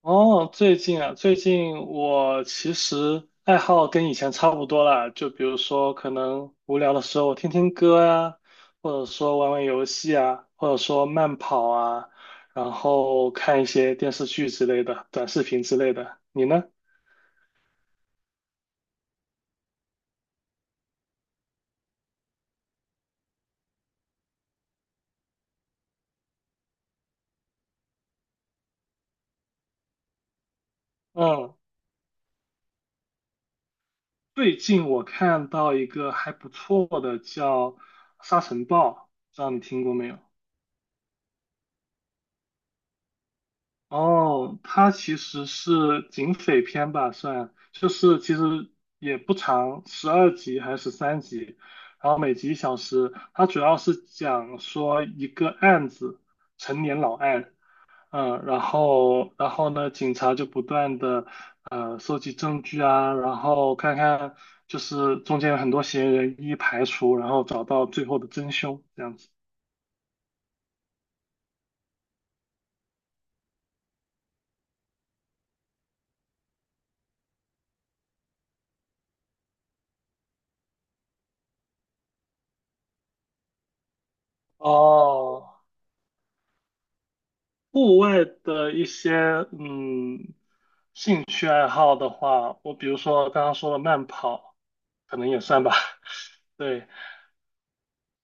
哦，最近啊，最近我其实爱好跟以前差不多啦，就比如说可能无聊的时候我听听歌啊，或者说玩玩游戏啊，或者说慢跑啊，然后看一些电视剧之类的，短视频之类的。你呢？嗯，最近我看到一个还不错的叫《沙尘暴》，不知道你听过没有？哦，它其实是警匪片吧，算，就是其实也不长，12集还是13集，然后每集1小时。它主要是讲说一个案子，陈年老案，嗯，然后呢，警察就不断的收集证据啊，然后看看就是中间有很多嫌疑人一一排除，然后找到最后的真凶，这样子。哦，户外的一些嗯兴趣爱好的话，我比如说刚刚说的慢跑，可能也算吧。对，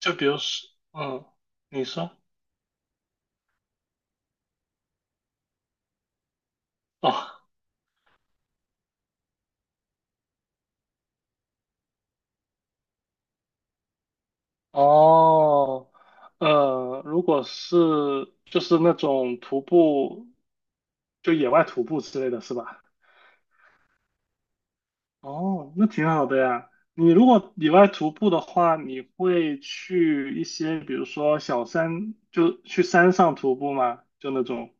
就比如说，嗯，你说，哦哦，如果是就是那种徒步，就野外徒步之类的是吧？哦，那挺好的呀。你如果野外徒步的话，你会去一些，比如说小山，就去山上徒步吗？就那种。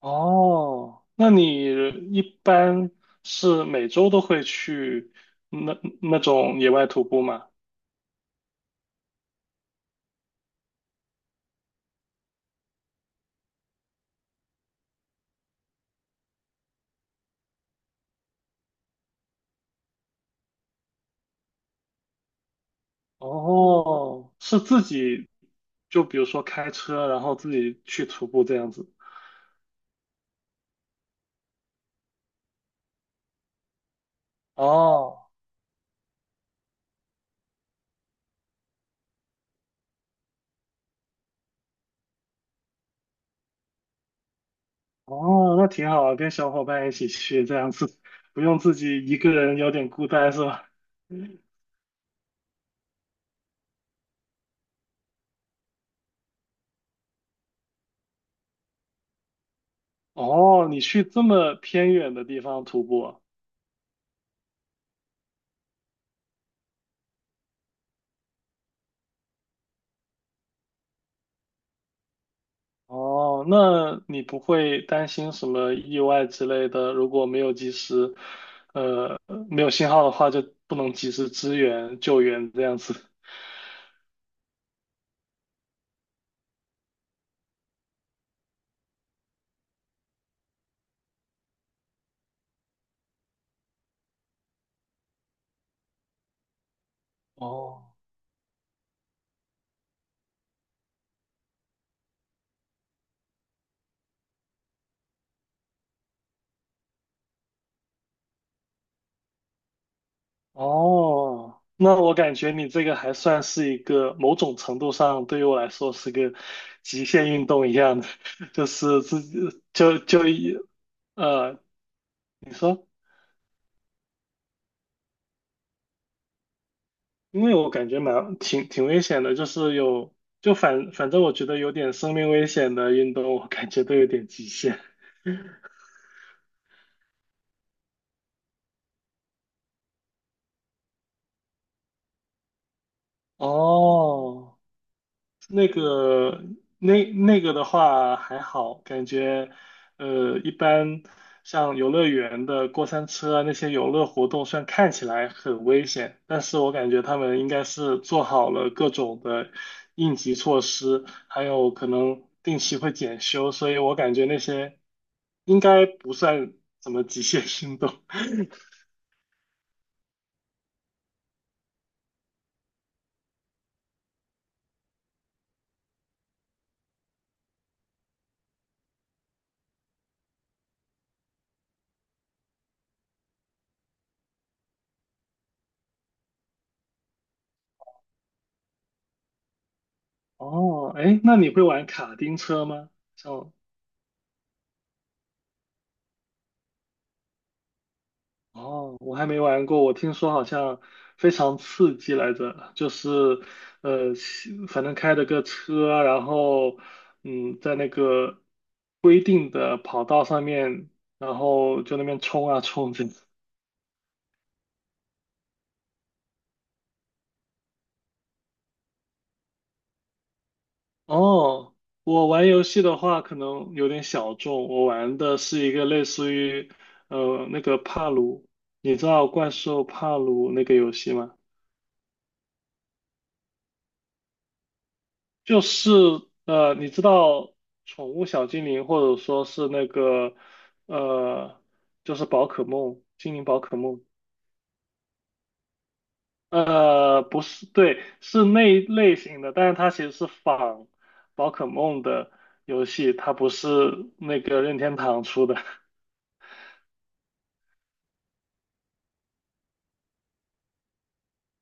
哦，那你一般是每周都会去那种野外徒步吗？哦，是自己，就比如说开车，然后自己去徒步这样子。哦，哦，那挺好，跟小伙伴一起去，这样子不用自己一个人有点孤单是吧？哦，你去这么偏远的地方徒步，哦，那你不会担心什么意外之类的？如果没有及时，没有信号的话，就不能及时支援救援这样子。哦哦，那我感觉你这个还算是一个某种程度上对于我来说是个极限运动一样的，就是自己就就一呃，你说，因为我感觉蛮挺危险的，就是有反正我觉得有点生命危险的运动，我感觉都有点极限。哦，那个那那个的话还好，感觉一般，像游乐园的过山车啊那些游乐活动，虽然看起来很危险，但是我感觉他们应该是做好了各种的应急措施，还有可能定期会检修，所以我感觉那些应该不算什么极限运动。哦，哎，那你会玩卡丁车吗？像哦，我还没玩过，我听说好像非常刺激来着，就是反正开着个车啊，然后嗯，在那个规定的跑道上面，然后就那边冲啊冲这样哦，我玩游戏的话可能有点小众，我玩的是一个类似于那个帕鲁，你知道怪兽帕鲁那个游戏吗？就是你知道宠物小精灵，或者说是呃，就是宝可梦，精灵宝可梦，呃，不是，对，是那一类型的，但是它其实是仿宝可梦的游戏，它不是那个任天堂出的。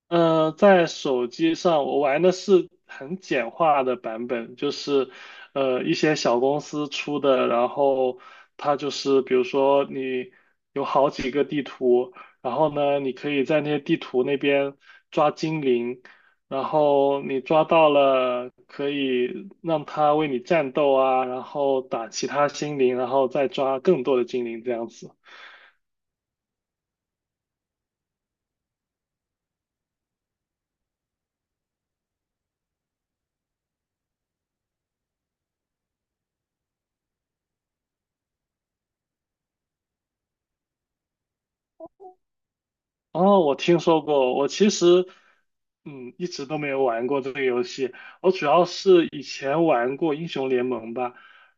呃，在手机上我玩的是很简化的版本，就是一些小公司出的，然后它就是比如说你有好几个地图，然后呢你可以在那些地图那边抓精灵，然后你抓到了可以让它为你战斗啊，然后打其他精灵，然后再抓更多的精灵这样子。哦，我听说过，我其实，嗯，一直都没有玩过这个游戏。我主要是以前玩过英雄联盟吧，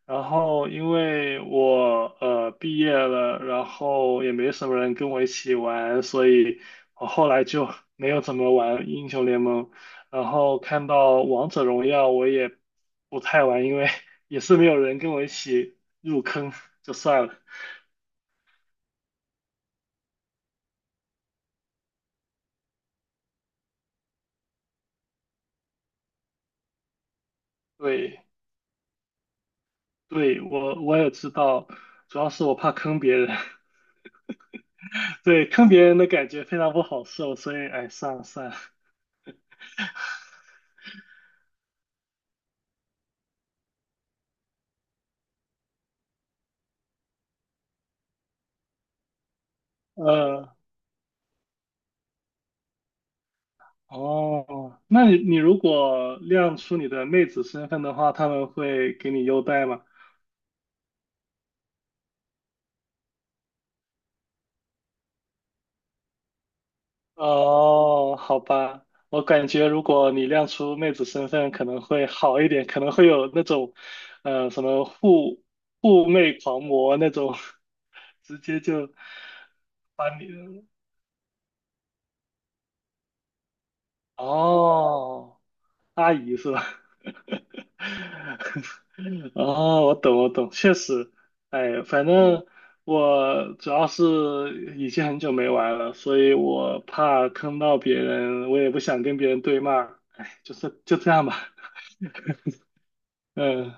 然后因为我毕业了，然后也没什么人跟我一起玩，所以我后来就 没有怎么玩英雄联盟。然后看到王者荣耀，我也不太玩，因为 也是没有人跟我一起入坑，就算了。对。对，我也知道，主要是我怕坑别人，对，坑别人的感觉非常不好受，所以哎，算了算了，呃，哦，那你如果亮出你的妹子身份的话，他们会给你优待吗？哦，好吧，我感觉如果你亮出妹子身份可能会好一点，可能会有那种，什么护妹狂魔那种，直接就把你，哦。阿姨是吧？哦，我懂，我懂，确实，哎，反正我主要是已经很久没玩了，所以我怕坑到别人，我也不想跟别人对骂，哎，就这样吧，嗯，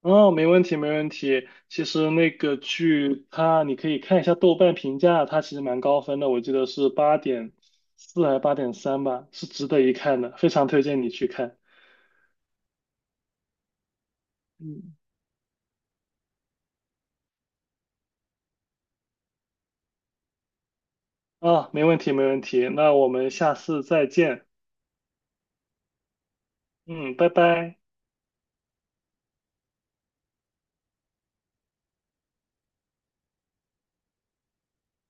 哦，没问题，没问题。其实那个剧它，你可以看一下豆瓣评价，它其实蛮高分的，我记得是8.4还是8.3吧，是值得一看的，非常推荐你去看。嗯。啊，没问题，没问题。那我们下次再见。嗯，拜拜。